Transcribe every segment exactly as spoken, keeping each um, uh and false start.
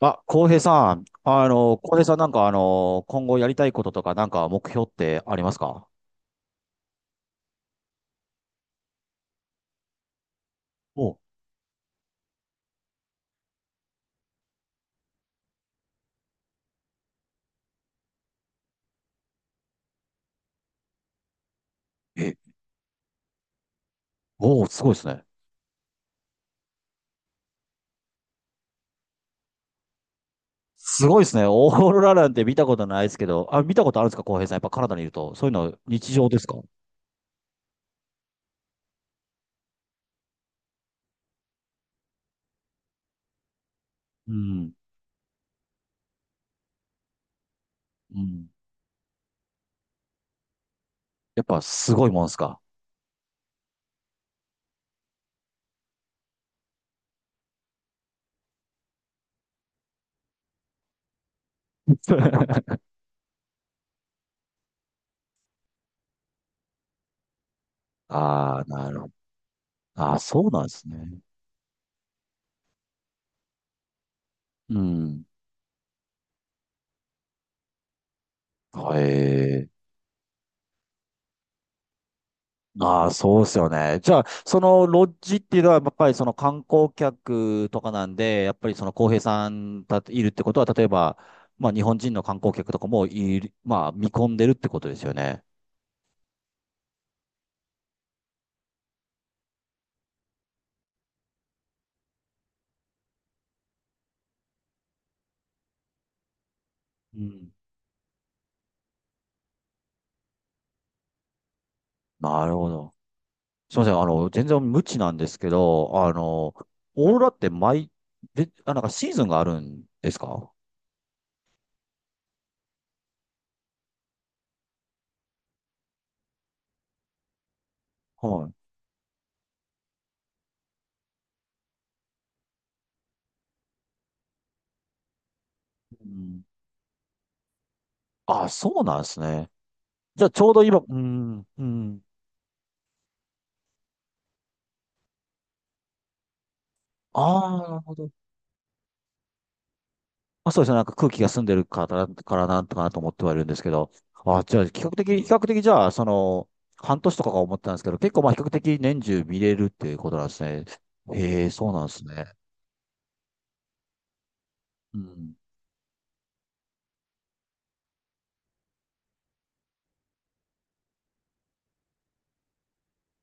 あ、浩平さん、あの、浩平さんなんかあの、今後やりたいこととかなんか目標ってありますか？お、え、おー、すごいですね。すごいですね。オーロラなんて見たことないですけど、あ、見たことあるんですか、浩平さん。やっぱカナダにいると。そういうの日常ですか？うん、うん。やっぱすごいもんですか？ ああー、なるほど。ああ、そうなんですね。うん。へえ。ああ、そうですよね。じゃあ、そのロッジっていうのは、やっぱりその観光客とかなんで、やっぱりその浩平さんたいるってことは、例えば、まあ日本人の観光客とかもいる、まあ見込んでるってことですよね。うん。なるほど。すみません。あの、全然無知なんですけど、あの、オーロラって毎、で、あ、なんかシーズンがあるんですか？はい。うん。あ、そうなんですね。じゃあ、ちょうど今、うん、うん。ああ、なるほど。まあ、そうですね。なんか空気が澄んでるからな、からなんとかなと思ってはいるんですけど。あ、じゃあ、比較的、比較的じゃあ、その、半年とかが思ってたんですけど、結構まあ比較的年中見れるっていうことなんですね。へえ、そうなんですね。うん、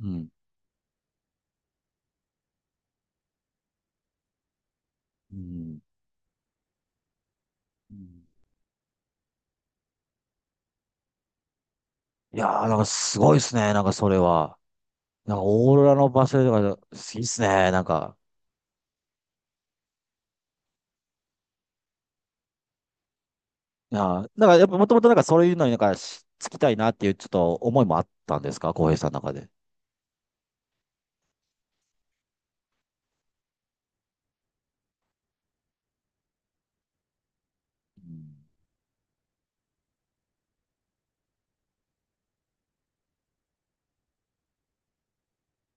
うん、うん。うん。いやー、なんかすごいですね。なんかそれは。なんかオーロラの場所とか、いいっすね。なんか、いやー、なんかやっぱもともとなんかそういうのになんかしつきたいなっていうちょっと思いもあったんですか、浩平さんの中で。う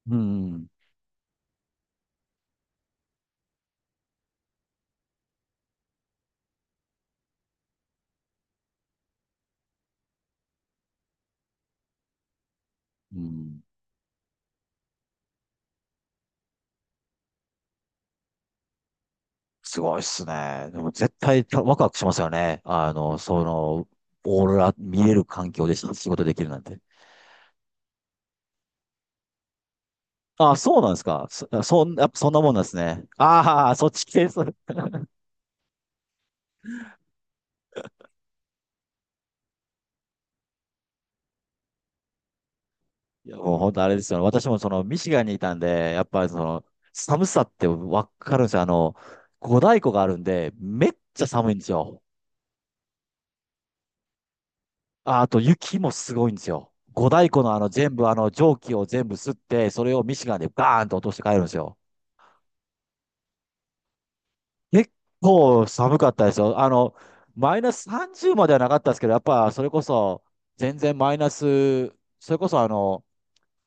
ん、うん、うん。すごいっすね。でも絶対たワクワクしますよね。あの、その、オーロラ見れる環境で仕事できるなんて。あ、そうなんですか。そ、そん、やっぱそんなもんなんですね。ああ、そっち系です。いや、もう本当あれですよ。私もその、ミシガンにいたんで、やっぱりその、寒さってわかるんですよ。あの、五大湖があるんで、めっちゃ寒いんですよ。あ、あと雪もすごいんですよ。五大湖のあの全部、あの蒸気を全部吸って、それをミシガンでバーンと落として帰るんですよ。結構寒かったですよ。あの、マイナスさんじゅうまではなかったですけど、やっぱそれこそ全然マイナス、それこそあの、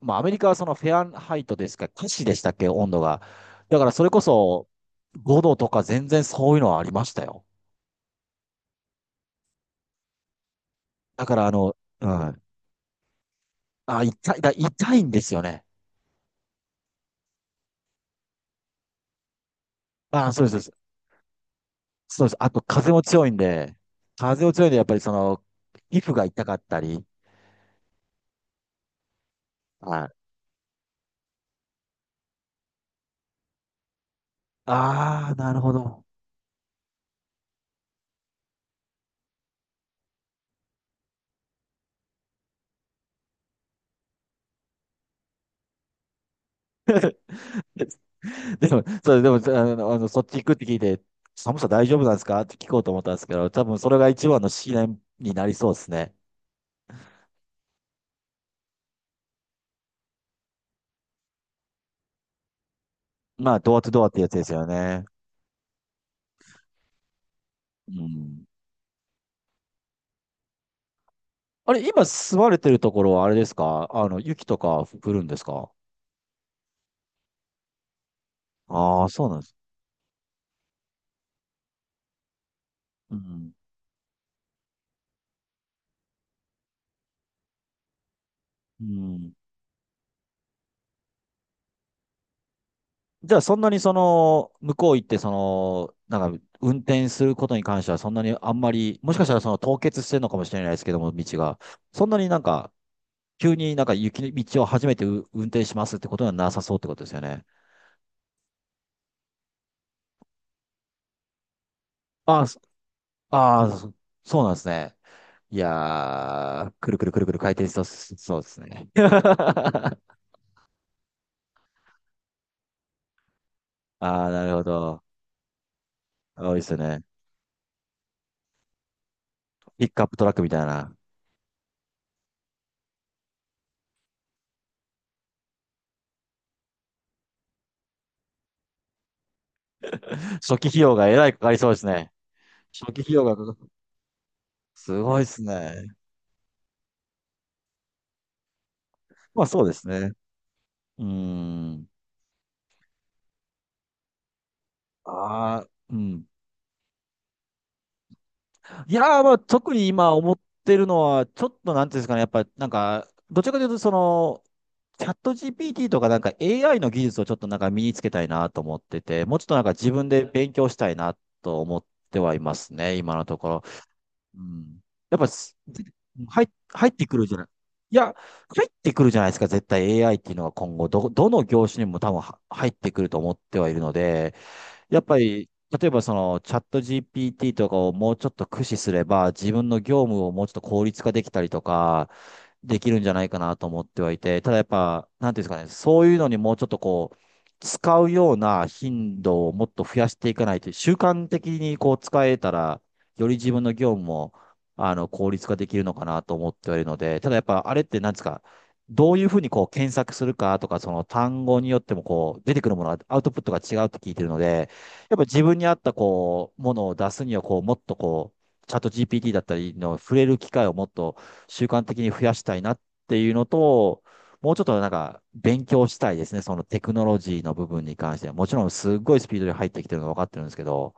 まあアメリカはそのフェアハイトですか、華氏でしたっけ、温度が。だからそれこそごどとか全然そういうのはありましたよ。だからあの、うん。あ、痛い、だ、痛いんですよね。あ、そうです、そうです。そうです。あと風も強いんで、風も強いんで、やっぱりその、皮膚が痛かったり。はい。ああ、なるほど。でも、そう、でも、あの、あのそっち行くって聞いて、寒さ大丈夫なんですかって聞こうと思ったんですけど、多分それが一番の試練になりそうですね。まあ、ドアとドアってやつですよね。うん。あれ、今住まれてるところはあれですかあの、雪とか降るんですか？ああー、そうなんです。うん。うん。じゃあ、そんなにその、向こう行って、その、なんか、運転することに関しては、そんなにあんまり、もしかしたらその凍結してるのかもしれないですけども、道が。そんなになんか、急になんか雪の道を初めてう運転しますってことはなさそうってことですよね。ああ、そ、ああ、そ、そうなんですね。いやー、くるくるくるくる回転しそう、そうですね。ああ、なるほど。多いですよね。ピックアップトラックみたいな。初期費用がえらいかかりそうですね。初期費用がかかすごいですね。まあそうですね。うーん。ああ、うん。いやー、まあ、特に今思ってるのは、ちょっとなんていうんですかね、やっぱ、なんか、どちらかというと、その、チャット ジーピーティー とかなんか エーアイ の技術をちょっとなんか身につけたいなと思ってて、もうちょっとなんか自分で勉強したいなと思ってはいますね、今のところ。うん。やっぱす、入、入ってくるじゃない。いや、入ってくるじゃないですか、絶対 エーアイ っていうのは今後、ど、どの業種にも多分は入ってくると思ってはいるので、やっぱり、例えばそのチャット ジーピーティー とかをもうちょっと駆使すれば、自分の業務をもうちょっと効率化できたりとか、できるんじゃないかなと思ってはいて、ただやっぱ、なんていうんですかね、そういうのにもうちょっとこう、使うような頻度をもっと増やしていかないと、習慣的にこう使えたら、より自分の業務も、あの、効率化できるのかなと思ってはいるので、ただやっぱあれってなんですか、どういうふうにこう検索するかとか、その単語によってもこう出てくるものはアウトプットが違うって聞いてるので、やっぱ自分に合ったこう、ものを出すにはこう、もっとこう、チャット ジーピーティー だったりの触れる機会をもっと習慣的に増やしたいなっていうのと、もうちょっとなんか勉強したいですね。そのテクノロジーの部分に関しては。もちろんすっごいスピードで入ってきてるのは分かってるんですけど、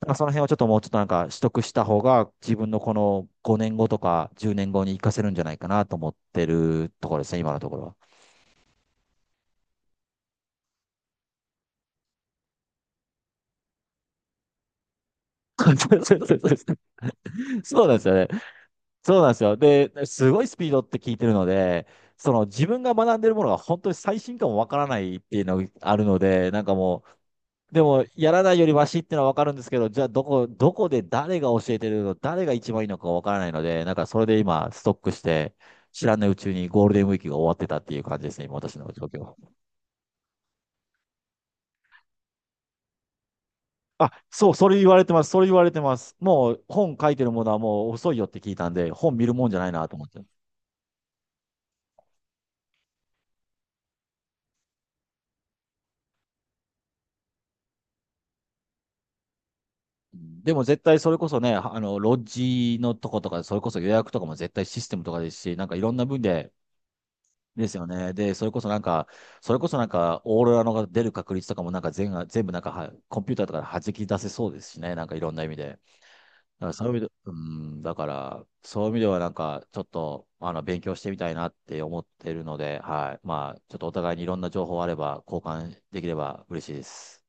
なんかその辺をちょっともうちょっとなんか取得した方が自分のこのごねんごとかじゅうねんごに活かせるんじゃないかなと思ってるところですね、今のところは。そうそうそうなんですよね。そうなんですよ。で、すごいスピードって聞いてるので、その自分が学んでるものが本当に最新かもわからないっていうのがあるので、なんかもう、でも、やらないよりマシってのはわかるんですけど、じゃあ、どこ、どこで誰が教えてるの、誰が一番いいのかわからないので、なんかそれで今、ストックして、知らないうちにゴールデンウィークが終わってたっていう感じですね、今私の状況。あ、そう、それ言われてます、それ言われてます。もう、本書いてるものはもう遅いよって聞いたんで、本見るもんじゃないなと思って。でも絶対それこそね、あの、ロッジのとことか、それこそ予約とかも絶対システムとかですし、なんかいろんな分で、ですよね。で、それこそなんか、それこそなんか、オーロラのが出る確率とかもなんか全が、全部なんかは、コンピューターとかで弾き出せそうですしね。なんかいろんな意味で。だからそういう意味で、うん、だから、そういう意味ではなんか、ちょっと、あの、勉強してみたいなって思ってるので、はい。まあ、ちょっとお互いにいろんな情報あれば、交換できれば嬉しいです。